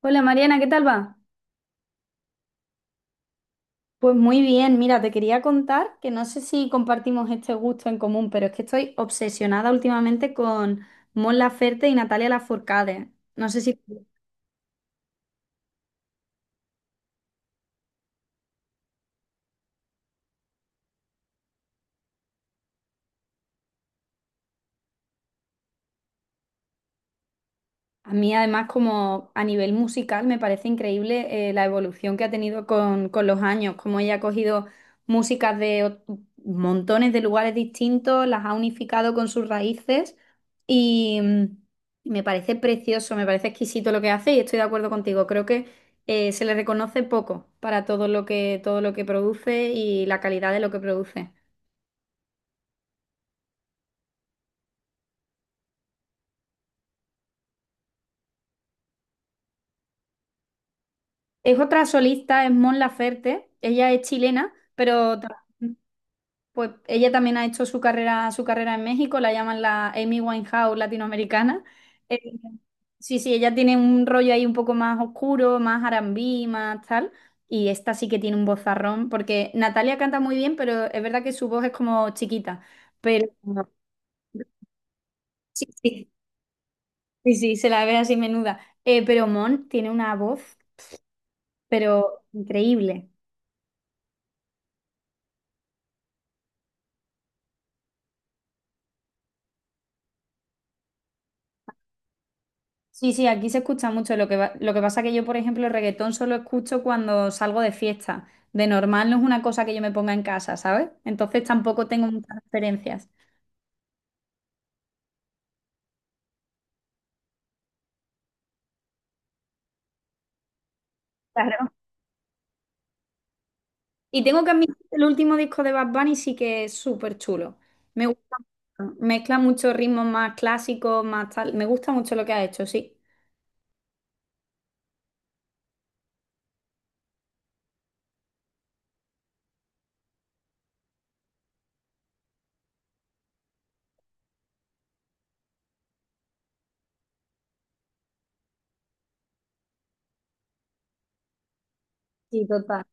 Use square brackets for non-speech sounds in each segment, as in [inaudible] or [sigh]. Hola Mariana, ¿qué tal va? Pues muy bien, mira, te quería contar que no sé si compartimos este gusto en común, pero es que estoy obsesionada últimamente con Mon Laferte y Natalia Lafourcade. No sé si... A mí además como a nivel musical me parece increíble la evolución que ha tenido con los años, como ella ha cogido músicas de montones de lugares distintos, las ha unificado con sus raíces y mm, me parece precioso, me parece exquisito lo que hace y estoy de acuerdo contigo. Creo que se le reconoce poco para todo lo que produce y la calidad de lo que produce. Es otra solista, es Mon Laferte, ella es chilena, pero... Pues ella también ha hecho su carrera en México, la llaman la Amy Winehouse latinoamericana. Eh, sí, sí, ella tiene un rollo ahí un poco más oscuro, más R&B, más tal. Y esta sí que tiene un vozarrón, porque Natalia canta muy bien, pero es verdad que su voz es como chiquita. Pero sí, sí, sí, sí, se la ve así menuda. Pero Mon tiene una voz, pero increíble. Sí, sí, aquí se escucha mucho. Lo que pasa que yo, por ejemplo, el reggaetón solo escucho cuando salgo de fiesta. De normal no es una cosa que yo me ponga en casa, ¿sabes? Entonces tampoco tengo muchas referencias. Claro. Y tengo que admitir que el último disco de Bad Bunny sí que es súper chulo. Me gusta mucho. Mezcla muchos ritmos más clásicos, más tal. Me gusta mucho lo que ha hecho, sí. Sí, total.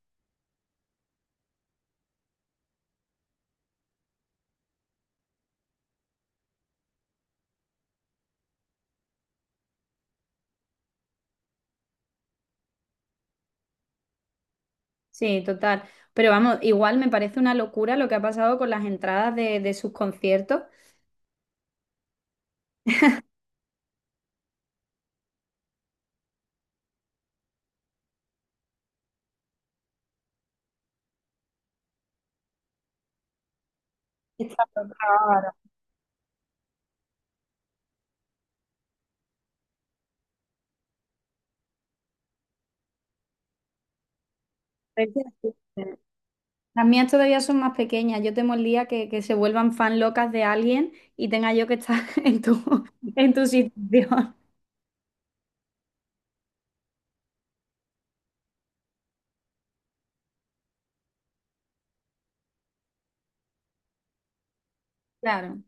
Sí, total. Pero vamos, igual me parece una locura lo que ha pasado con las entradas de sus conciertos. Está claro. Las mías todavía son más pequeñas. Yo temo el día que se vuelvan fan locas de alguien y tenga yo que estar [laughs] en tu situación. Claro.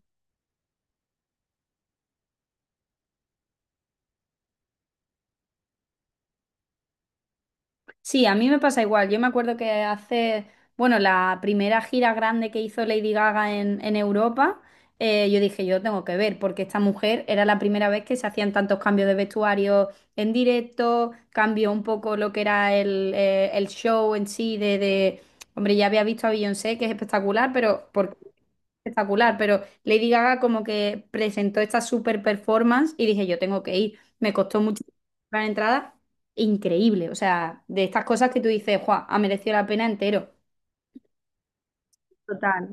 Sí, a mí me pasa igual. Yo me acuerdo que hace, bueno, la primera gira grande que hizo Lady Gaga en Europa, yo dije, yo tengo que ver, porque esta mujer era la primera vez que se hacían tantos cambios de vestuario en directo, cambió un poco lo que era el show en sí Hombre, ya había visto a Beyoncé, que es espectacular, pero por espectacular, pero Lady Gaga como que presentó esta super performance y dije, yo tengo que ir. Me costó mucho la entrada, increíble. O sea, de estas cosas que tú dices, ¡guau! Ha merecido la pena entero. Total.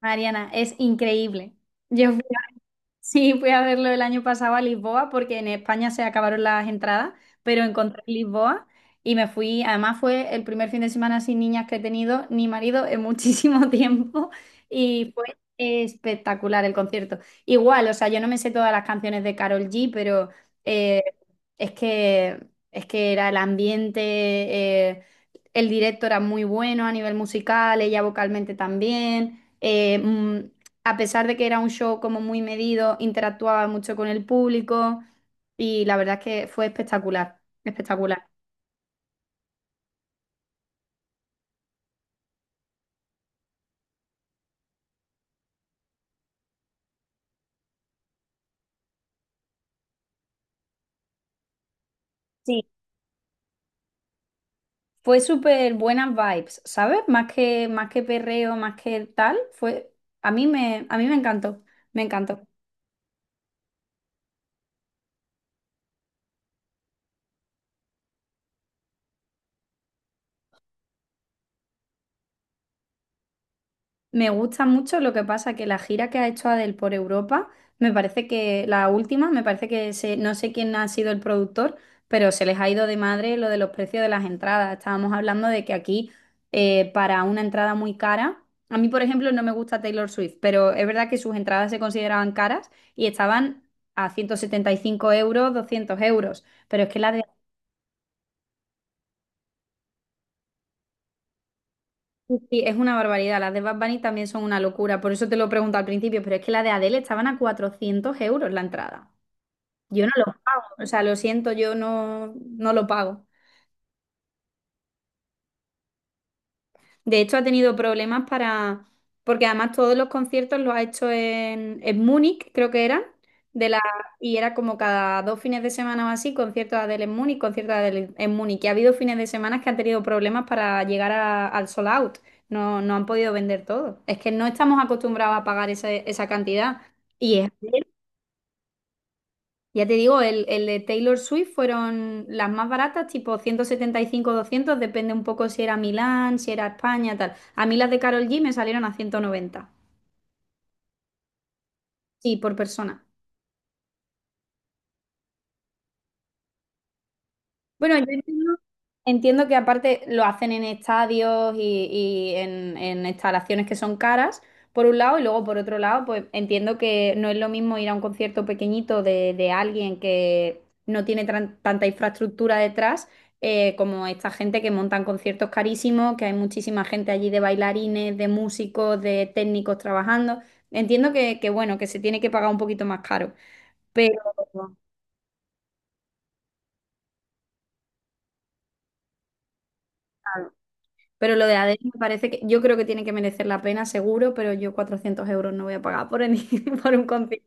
Mariana, es increíble. Yo Sí, fui a verlo el año pasado a Lisboa porque en España se acabaron las entradas, pero encontré Lisboa y me fui. Además fue el primer fin de semana sin niñas que he tenido ni marido en muchísimo [laughs] tiempo y fue espectacular el concierto. Igual, o sea, yo no me sé todas las canciones de Carol G, pero eh, es que era el ambiente, eh, el directo era muy bueno a nivel musical, ella vocalmente también. A pesar de que era un show como muy medido, interactuaba mucho con el público y la verdad es que fue espectacular, espectacular. Sí, fue súper buenas vibes, ¿sabes? Más que perreo, más que tal, fue, a mí me encantó, me encantó. Me gusta mucho lo que pasa que la gira que ha hecho Adele por Europa, me parece que la última, me parece que se, no sé quién ha sido el productor, pero se les ha ido de madre lo de los precios de las entradas. Estábamos hablando de que aquí para una entrada muy cara, a mí por ejemplo no me gusta Taylor Swift, pero es verdad que sus entradas se consideraban caras y estaban a 175 euros, 200 euros, pero es que la Sí, sí, es una barbaridad. Las de Bad Bunny también son una locura. Por eso te lo pregunto al principio, pero es que la de Adele estaban a 400 € la entrada. Yo no lo pago. O sea, lo siento, yo no, no lo pago. De hecho, ha tenido problemas para, porque además todos los conciertos los ha hecho en Múnich, creo que eran, de la, y era como cada dos fines de semana o así, concierto de Adele en Múnich, concierto de Adele en Múnich. Y ha habido fines de semana que han tenido problemas para llegar al sold out. No, no han podido vender todo. Es que no estamos acostumbrados a pagar esa cantidad. Y es. Ya te digo, el de Taylor Swift fueron las más baratas, tipo 175 200 depende un poco si era Milán, si era España, tal. A mí las de Carol G me salieron a 190 sí, por persona. Bueno, yo entiendo, entiendo que aparte lo hacen en estadios en instalaciones que son caras, por un lado, y luego por otro lado, pues entiendo que no es lo mismo ir a un concierto pequeñito de alguien que no tiene tanta infraestructura detrás, como esta gente que montan conciertos carísimos, que hay muchísima gente allí de bailarines, de músicos, de técnicos trabajando. Entiendo que bueno, que se tiene que pagar un poquito más caro, pero... Pero lo de ADN me parece que yo creo que tiene que merecer la pena, seguro, pero yo 400 € no voy a pagar [laughs] por un concierto.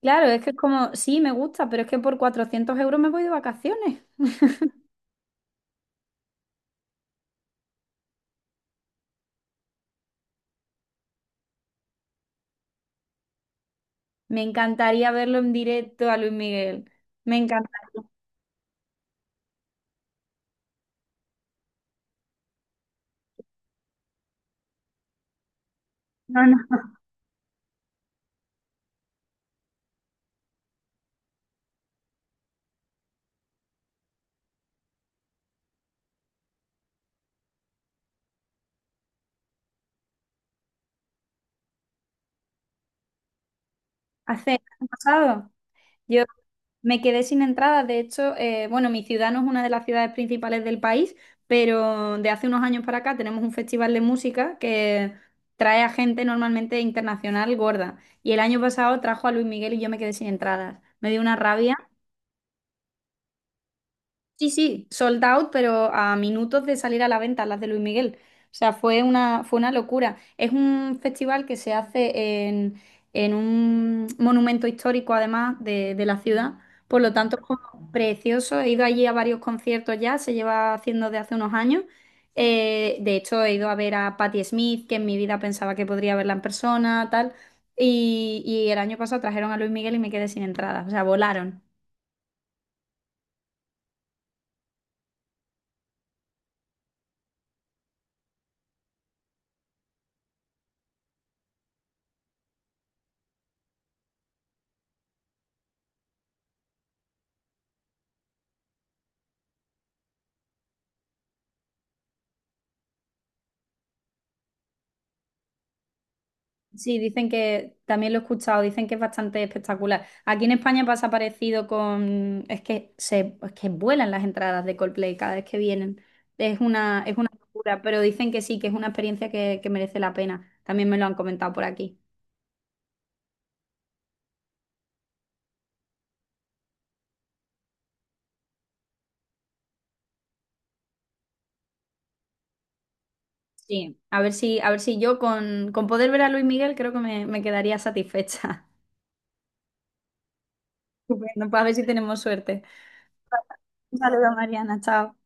Claro, es que es como, sí, me gusta, pero es que por 400 € me voy de vacaciones. Me encantaría verlo en directo a Luis Miguel. Me encantaría. No, no, hace, año pasado. Yo me quedé sin entradas de hecho, bueno, mi ciudad no es una de las ciudades principales del país, pero de hace unos años para acá tenemos un festival de música que trae a gente normalmente internacional gorda. Y el año pasado trajo a Luis Miguel y yo me quedé sin entradas. Me dio una rabia. Sí, sí, sold out, pero a minutos de salir a la venta las de Luis Miguel. O sea, fue una locura. Es un festival que se hace en un monumento histórico, además, de la ciudad. Por lo tanto, es como precioso. He ido allí a varios conciertos ya, se lleva haciendo de hace unos años. De hecho, he ido a ver a Patti Smith, que en mi vida pensaba que podría verla en persona, tal. Y el año pasado trajeron a Luis Miguel y me quedé sin entradas. O sea, volaron. Sí, dicen que, también lo he escuchado, dicen que es bastante espectacular. Aquí en España pasa parecido con, es que se, es que vuelan las entradas de Coldplay cada vez que vienen. Es una locura, pero dicen que sí, que es una experiencia que merece la pena. También me lo han comentado por aquí. Sí, a ver si, yo con poder ver a Luis Miguel creo que me quedaría satisfecha. [laughs] Estupendo, pues a ver si tenemos suerte. Un saludo, Mariana, chao.